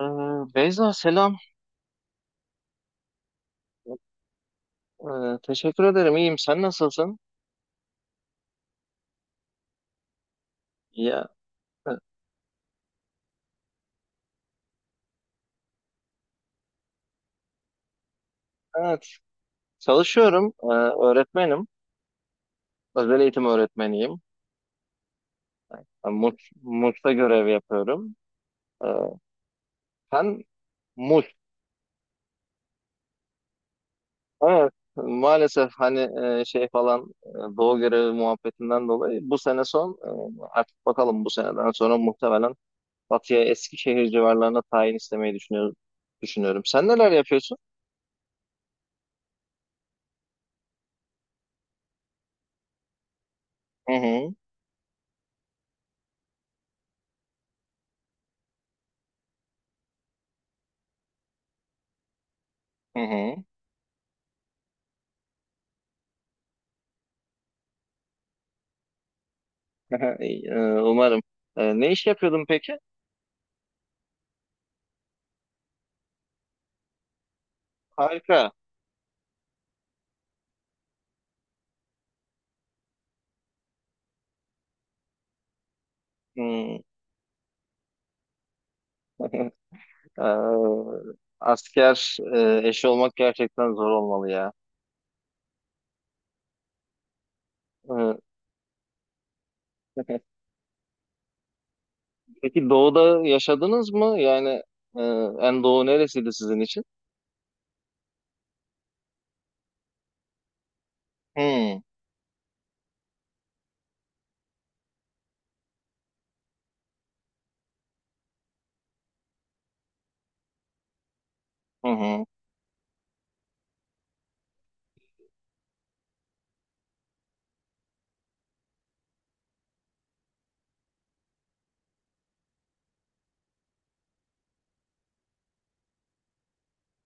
Ee, Beyza selam. Ee, teşekkür ederim. İyiyim. Sen nasılsın? Ya e, evet. Çalışıyorum. Öğretmenim. Özel eğitim öğretmeniyim. Ben Muş'ta görev yapıyorum. Ee, sen Muş. Evet. Maalesef hani şey falan doğu görevi muhabbetinden dolayı bu sene son, artık bakalım bu seneden sonra muhtemelen Batı'ya Eskişehir civarlarına tayin istemeyi düşünüyorum. Sen neler yapıyorsun? Hı hı. Hı hı. Ee, Umarım. Ne iş yapıyordun peki? Harika. Hmm. Ee, Asker eşi olmak gerçekten zor olmalı ya. Ee, Peki doğuda yaşadınız mı? Yani e, en doğu neresiydi sizin için? Hmm. Hı hı.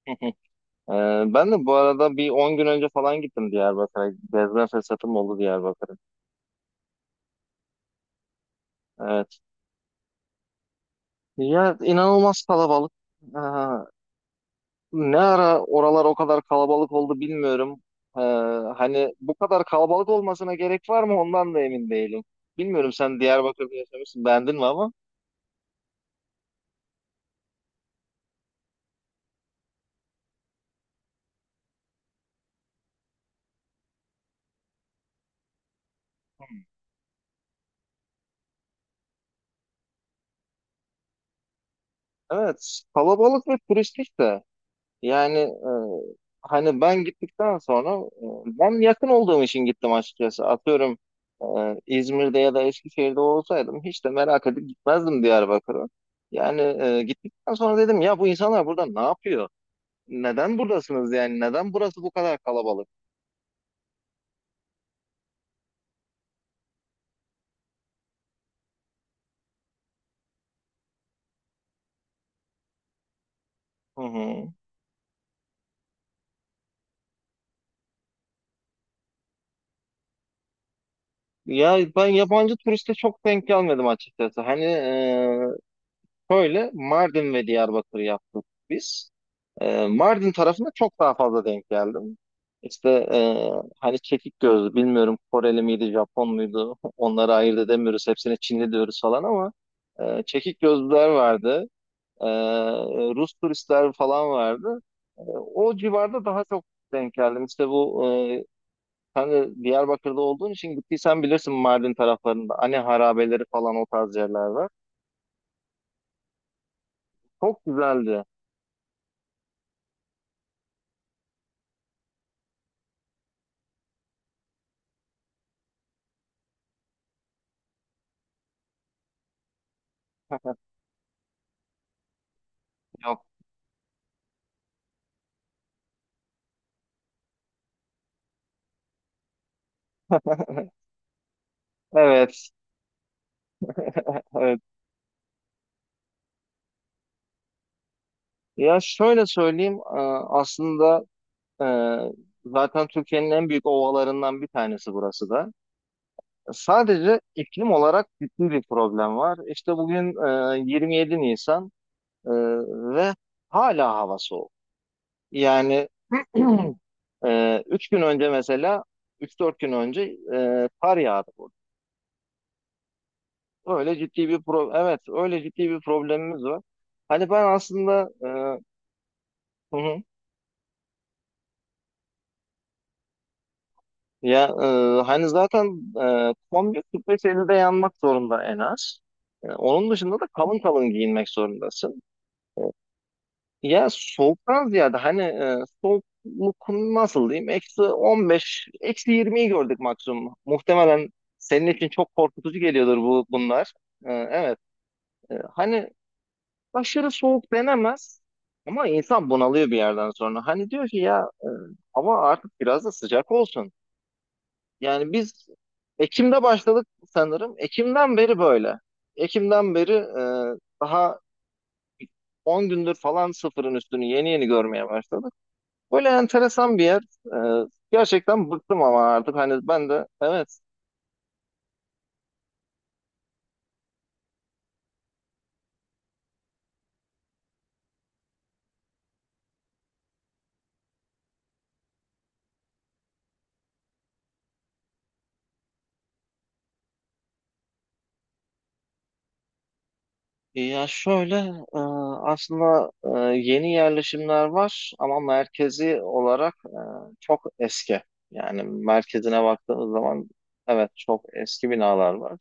Hı hı. Ben de bu arada bir 10 gün önce falan gittim Diyarbakır'a. Gezme fırsatım oldu Diyarbakır'a. Evet. Ya, inanılmaz kalabalık. Ne ara oralar o kadar kalabalık oldu bilmiyorum. Ee, hani bu kadar kalabalık olmasına gerek var mı, ondan da emin değilim. Bilmiyorum, sen Diyarbakır'da yaşamışsın, beğendin mi ama? Evet, kalabalık ve turistik de. Yani hani ben gittikten sonra, ben yakın olduğum için gittim açıkçası. Atıyorum, e, İzmir'de ya da Eskişehir'de olsaydım hiç de merak edip gitmezdim Diyarbakır'a. Yani gittikten sonra dedim ya, bu insanlar burada ne yapıyor? Neden buradasınız yani? Neden burası bu kadar kalabalık? Hı hı. Ya, ben yabancı turiste çok denk gelmedim açıkçası. Hani, şöyle Mardin ve Diyarbakır yaptık biz. Mardin tarafında çok daha fazla denk geldim. İşte, hani çekik gözlü, bilmiyorum, Koreli miydi Japon muydu onları ayırt edemiyoruz, hepsine Çinli diyoruz falan ama çekik gözlüler vardı. E, Rus turistler falan vardı. E, o civarda daha çok denk geldim. İşte bu Sen de Diyarbakır'da olduğun için gittiysen bilirsin, Mardin taraflarında hani harabeleri falan, o tarz yerler var. Çok güzeldi. Yok. Evet. Evet. Ya şöyle söyleyeyim, aslında e, zaten Türkiye'nin en büyük ovalarından bir tanesi burası da. Sadece iklim olarak ciddi bir problem var. İşte bugün 27 Nisan e, ve hala hava soğuk. Yani. Üç gün önce mesela, 3-4 gün önce kar yağdı burada. Öyle ciddi bir pro evet, öyle ciddi bir problemimiz var. Hani ben aslında, Hı hı. Ya, hani zaten kombi 45 50'de yanmak zorunda en az. Onun dışında da kalın kalın giyinmek zorundasın. Ya, soğuktan ziyade hani, soğukluk nasıl diyeyim? Eksi 15, eksi 20'yi gördük maksimum. Muhtemelen senin için çok korkutucu geliyordur bunlar. Evet. Hani aşırı soğuk denemez ama insan bunalıyor bir yerden sonra. Hani diyor ki ya, hava artık biraz da sıcak olsun. Yani biz Ekim'de başladık sanırım. Ekim'den beri böyle. Ekim'den beri, daha 10 gündür falan sıfırın üstünü yeni yeni görmeye başladık. Böyle enteresan bir yer. E, gerçekten bıktım ama artık hani ben de evet. Ya şöyle, e, aslında, yeni yerleşimler var ama merkezi olarak çok eski. Yani merkezine baktığınız zaman evet, çok eski binalar var.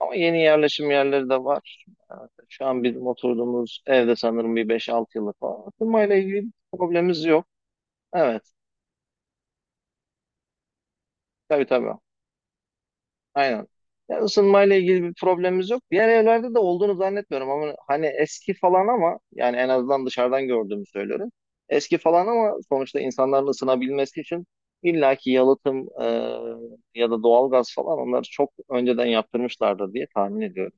Ama yeni yerleşim yerleri de var. Şu an bizim oturduğumuz evde sanırım bir beş 6 yıllık falan. Isınmayla ilgili bir problemimiz yok. Evet, tabii tabii. Aynen. Ya, ısınmayla ilgili bir problemimiz yok. Diğer evlerde de olduğunu zannetmiyorum ama hani eski falan ama yani en azından dışarıdan gördüğümü söylüyorum. Eski falan ama sonuçta insanların ısınabilmesi için illaki yalıtım, ya da doğalgaz falan, onları çok önceden yaptırmışlardır diye tahmin ediyorum.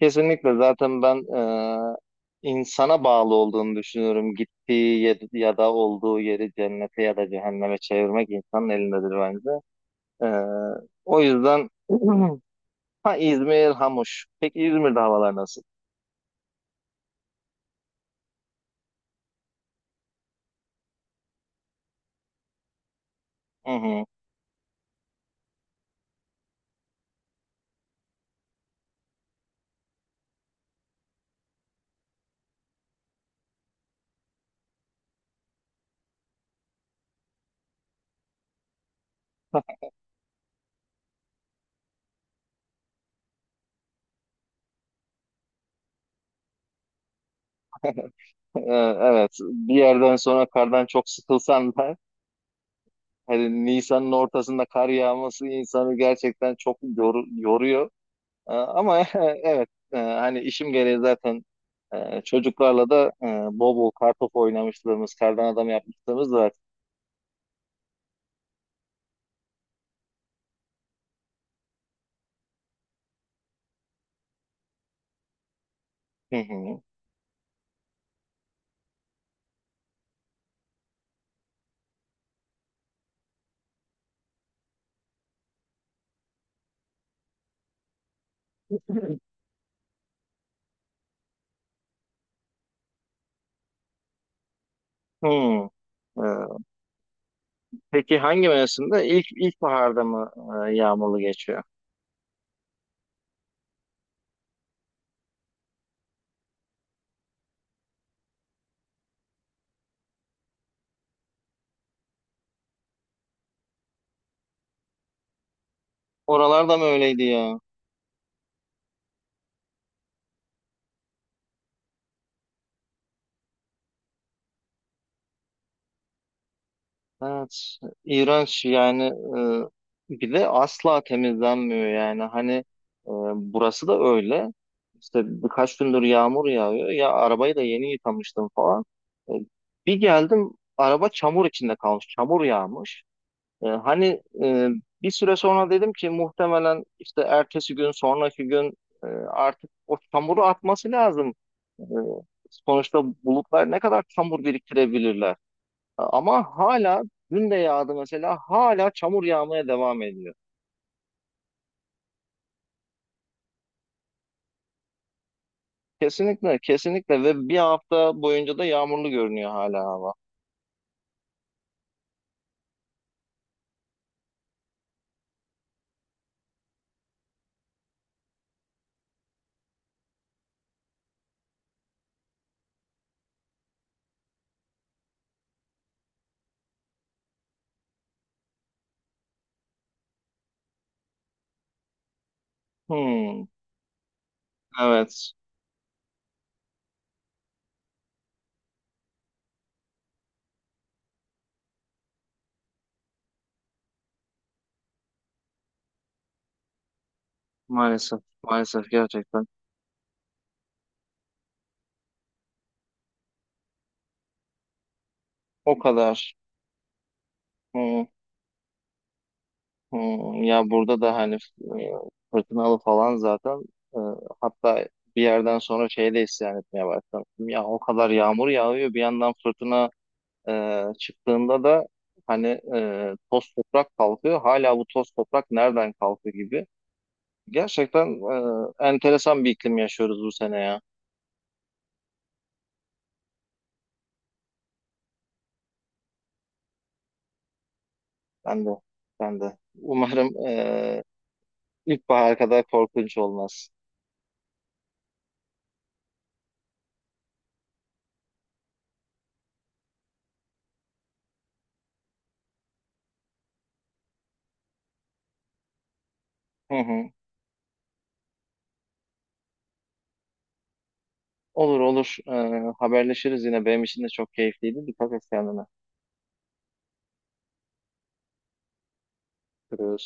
Kesinlikle, zaten ben, e, insana bağlı olduğunu düşünüyorum. Gittiği yer ya da olduğu yeri cennete ya da cehenneme çevirmek insanın elindedir bence. E, o yüzden. Ha, İzmir, Hamuş. Peki İzmir'de havalar nasıl? Hı hı. Ee, evet. Bir yerden sonra kardan çok sıkılsan da hani, Nisan'ın ortasında kar yağması insanı gerçekten çok yoruyor. Ama evet, hani işim gereği zaten, çocuklarla da bol bol kartopu oynamışlığımız, kardan adam yapmışlığımız var. Hı hı. Hı. Ee, peki hangi mevsimde? İlk ilkbaharda mı, yağmurlu geçiyor? Oralarda mı öyleydi ya? Evet, iğrenç yani, bir de asla temizlenmiyor yani, hani, burası da öyle işte, birkaç gündür yağmur yağıyor ya, arabayı da yeni yıkamıştım falan. E, bir geldim, araba çamur içinde kalmış, çamur yağmış. Hani, bir süre sonra dedim ki muhtemelen işte ertesi gün, sonraki gün artık o çamuru atması lazım. E, sonuçta bulutlar ne kadar çamur biriktirebilirler, ama hala dün de yağdı mesela, hala çamur yağmaya devam ediyor. Kesinlikle kesinlikle, ve bir hafta boyunca da yağmurlu görünüyor hala hava. Hmm, evet, maalesef maalesef, gerçekten o kadar. Hmm, hmm. Ya burada da hani, e, fırtınalı falan zaten. E, hatta bir yerden sonra şey de isyan etmeye başladım. Ya o kadar yağmur yağıyor, bir yandan fırtına. Çıktığında da hani, toz toprak kalkıyor. Hala bu toz toprak nereden kalktı gibi. Gerçekten, enteresan bir iklim yaşıyoruz bu sene ya. Ben de. Ben de. Umarım, ilkbahar kadar korkunç olmaz. Hı hı. Olur olur. Haberleşiriz yine. Benim için de çok keyifliydi. Dikkat et kendine. Görüşürüz.